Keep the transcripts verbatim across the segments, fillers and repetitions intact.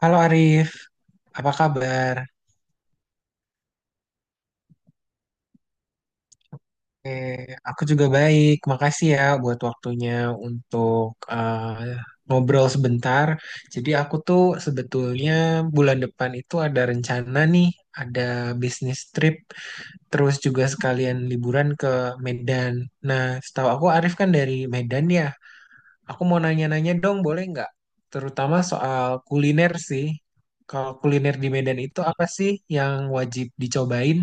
Halo Arif, apa kabar? Eh, aku juga baik. Makasih ya buat waktunya untuk eh, ngobrol sebentar. Jadi aku tuh sebetulnya bulan depan itu ada rencana nih, ada bisnis trip, terus juga sekalian liburan ke Medan. Nah, setahu aku Arif kan dari Medan ya. Aku mau nanya-nanya dong, boleh nggak? Terutama soal kuliner sih. Kalau kuliner di Medan itu apa sih yang wajib dicobain?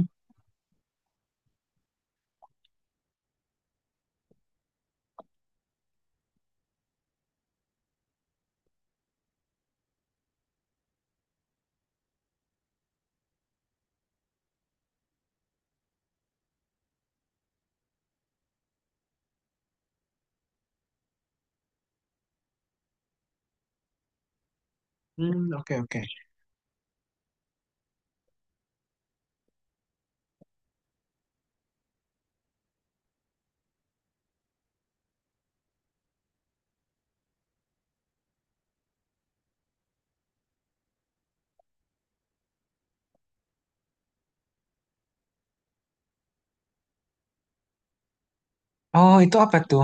Hmm, oke oke. Oh, itu apa tuh?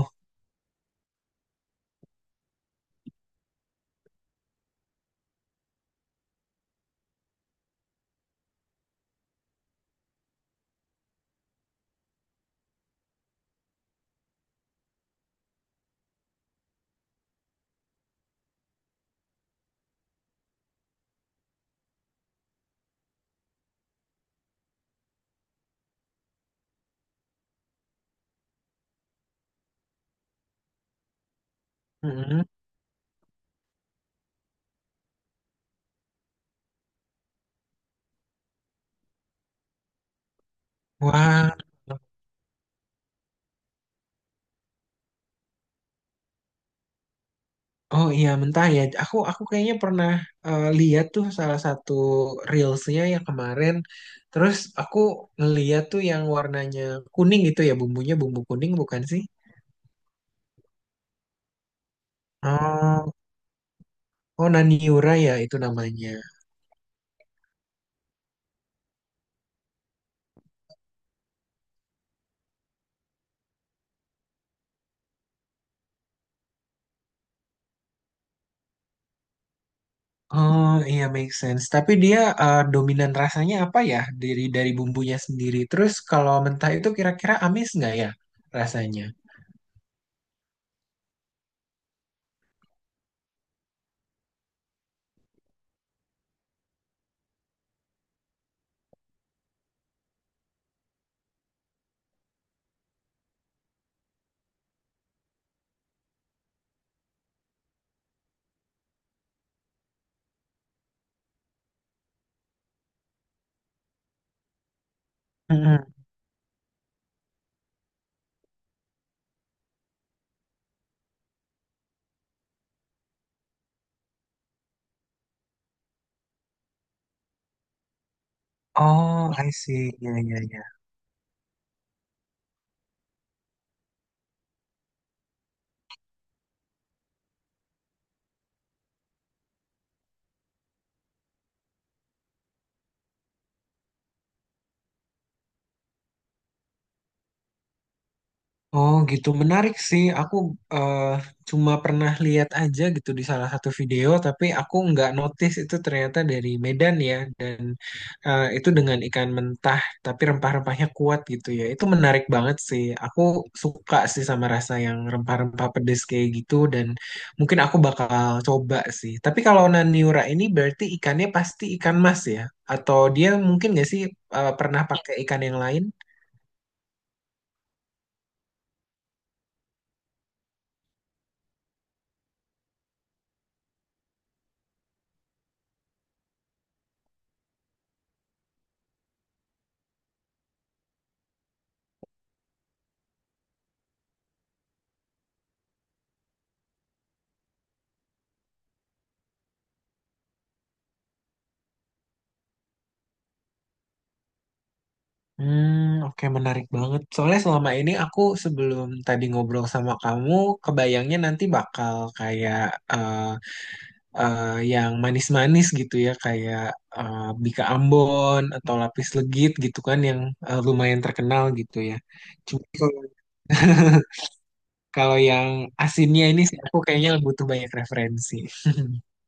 Mm-mm. Wah. Oh iya mentah ya. Aku aku kayaknya pernah eh, lihat tuh salah satu reelsnya yang kemarin. Terus aku ngeliat tuh yang warnanya kuning gitu ya bumbunya bumbu kuning bukan sih? Oh, oh Naniura ya itu namanya. Oh iya make sense. Tapi dia eh, dominan rasanya apa ya dari dari bumbunya sendiri. Terus kalau mentah itu kira-kira amis nggak ya rasanya? Mm-mm. Oh, I see. Ya, ya, ya. Oh, gitu. Menarik sih. Aku eh, cuma pernah lihat aja gitu di salah satu video, tapi aku nggak notice itu ternyata dari Medan ya. Dan eh, itu dengan ikan mentah, tapi rempah-rempahnya kuat gitu ya. Itu menarik banget sih. Aku suka sih sama rasa yang rempah-rempah pedes kayak gitu. Dan mungkin aku bakal coba sih. Tapi kalau Naniura ini berarti ikannya pasti ikan mas ya? Atau dia mungkin nggak sih eh, pernah pakai ikan yang lain? Hmm, oke menarik banget. Soalnya selama ini aku sebelum tadi ngobrol sama kamu, kebayangnya nanti bakal kayak eh, eh, yang manis-manis gitu ya, kayak eh, Bika Ambon atau Lapis Legit gitu kan yang eh, lumayan terkenal gitu ya. Cuma kalau kalau yang asinnya ini sih aku kayaknya butuh banyak referensi.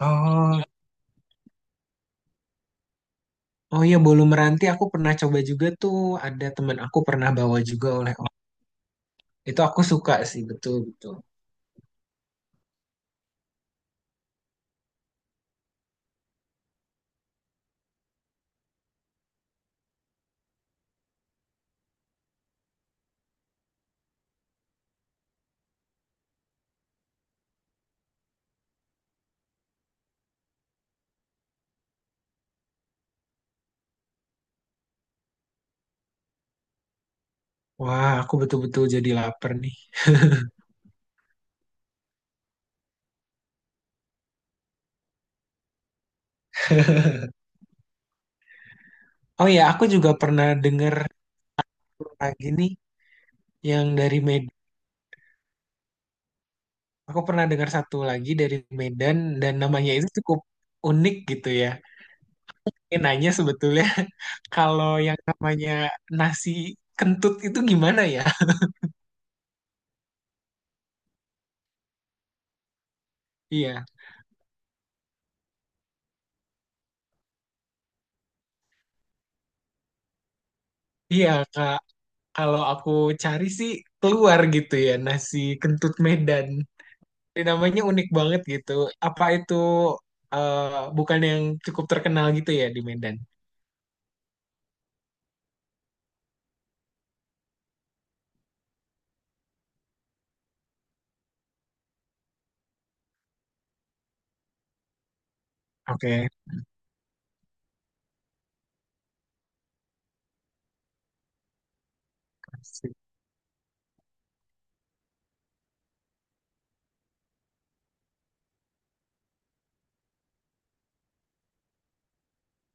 Oh, oh iya bolu meranti aku pernah coba juga tuh. Ada teman aku pernah bawa juga oleh Itu aku suka sih, betul betul. Wah, aku betul-betul jadi lapar nih. Oh ya, aku juga pernah dengar lagi nih yang dari Medan. Aku pernah dengar satu lagi dari Medan dan namanya itu cukup unik gitu ya. Ini nanya sebetulnya kalau yang namanya nasi kentut itu gimana ya? Iya, iya Kak. Kalau aku cari sih keluar gitu ya nasi kentut Medan. Ini namanya unik banget gitu. Apa itu eh, bukan yang cukup terkenal gitu ya di Medan? Oke. Asik.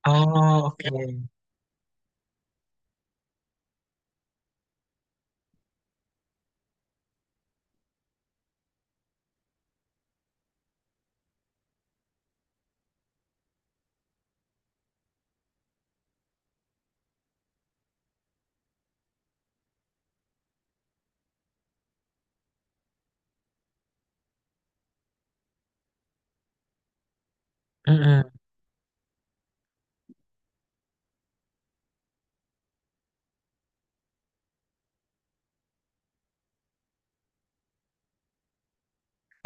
Oh, oke. Mm-mm.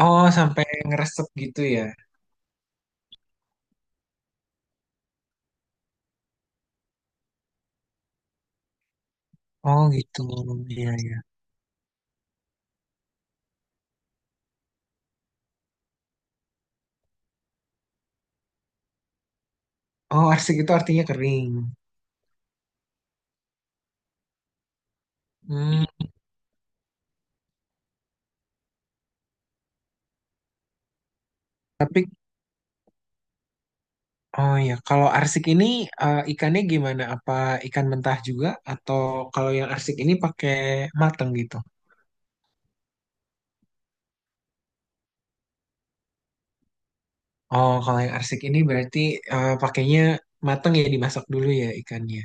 Oh, sampai ngeresep gitu ya. Oh, gitu. Iya, iya. Oh, arsik itu artinya kering. Hmm, tapi oh ya, kalau arsik ini eh, ikannya gimana? Apa ikan mentah juga atau kalau yang arsik ini pakai mateng gitu? Oh, kalau yang arsik ini berarti eh, pakainya mateng ya dimasak dulu ya ikannya.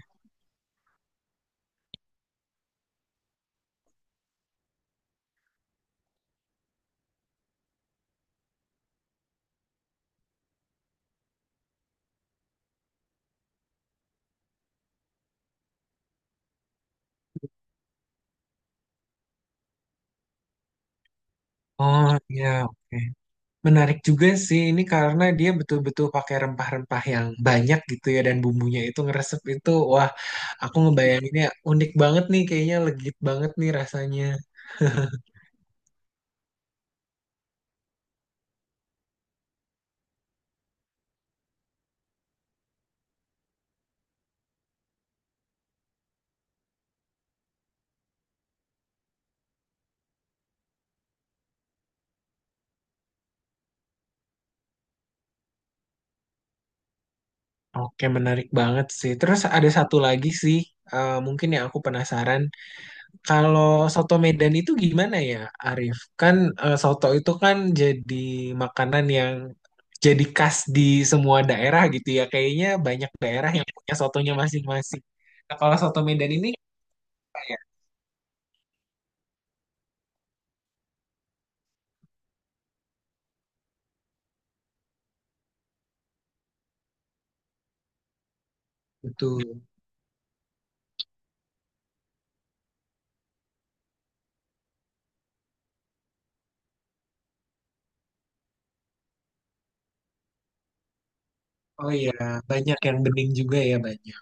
Oh, iya, oke. Menarik juga sih ini karena dia betul-betul pakai rempah-rempah yang banyak gitu ya dan bumbunya itu ngeresep itu wah aku ngebayanginnya unik banget nih kayaknya legit banget nih rasanya. Oke menarik banget sih. Terus ada satu lagi sih eh, mungkin yang aku penasaran kalau soto Medan itu gimana ya Arif? Kan eh, soto itu kan jadi makanan yang jadi khas di semua daerah gitu ya. Kayaknya banyak daerah yang punya sotonya masing-masing. Nah, kalau soto Medan ini betul. Oh iya, banyak yang bening juga ya banyak.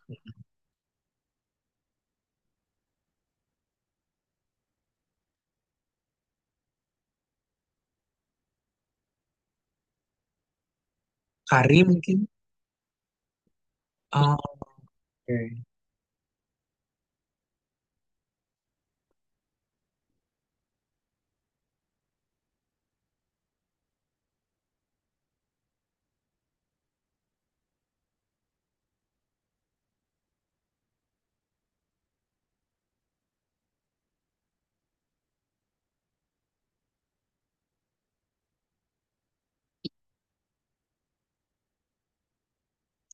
Kari mungkin. Oh, oke.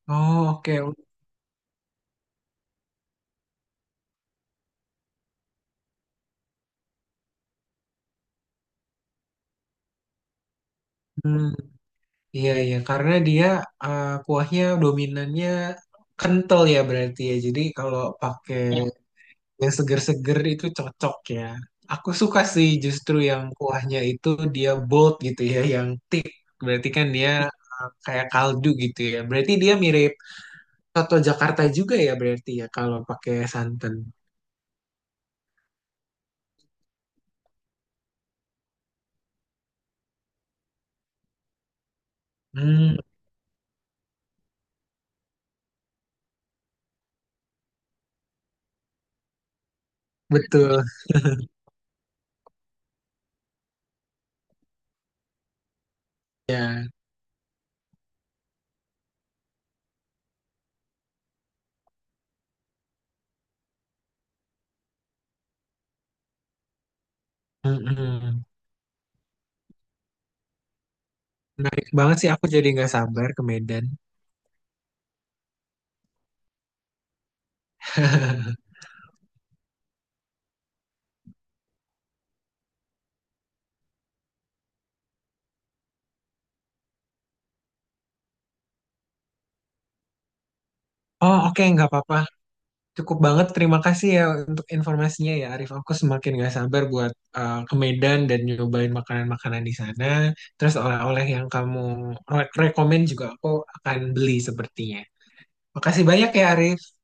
Oh, oke. Hmm, iya, iya. Karena dia eh, kuahnya dominannya kental ya berarti ya. Jadi kalau pakai yang seger-seger itu cocok ya. Aku suka sih justru yang kuahnya itu dia bold gitu ya, yang thick. Berarti kan dia eh, kayak kaldu gitu ya. Berarti dia mirip soto Jakarta juga ya berarti ya kalau pakai santan. Hmm, betul. Ya, mm-mm. Menarik banget sih aku jadi nggak sabar ke Medan. Oh oke nggak apa-apa. Cukup banget terima kasih ya untuk informasinya ya Arif. Aku semakin nggak sabar buat eh, ke Medan dan nyobain makanan-makanan di sana. Terus oleh-oleh yang kamu re rekomend juga aku akan beli sepertinya. Makasih banyak ya Arif.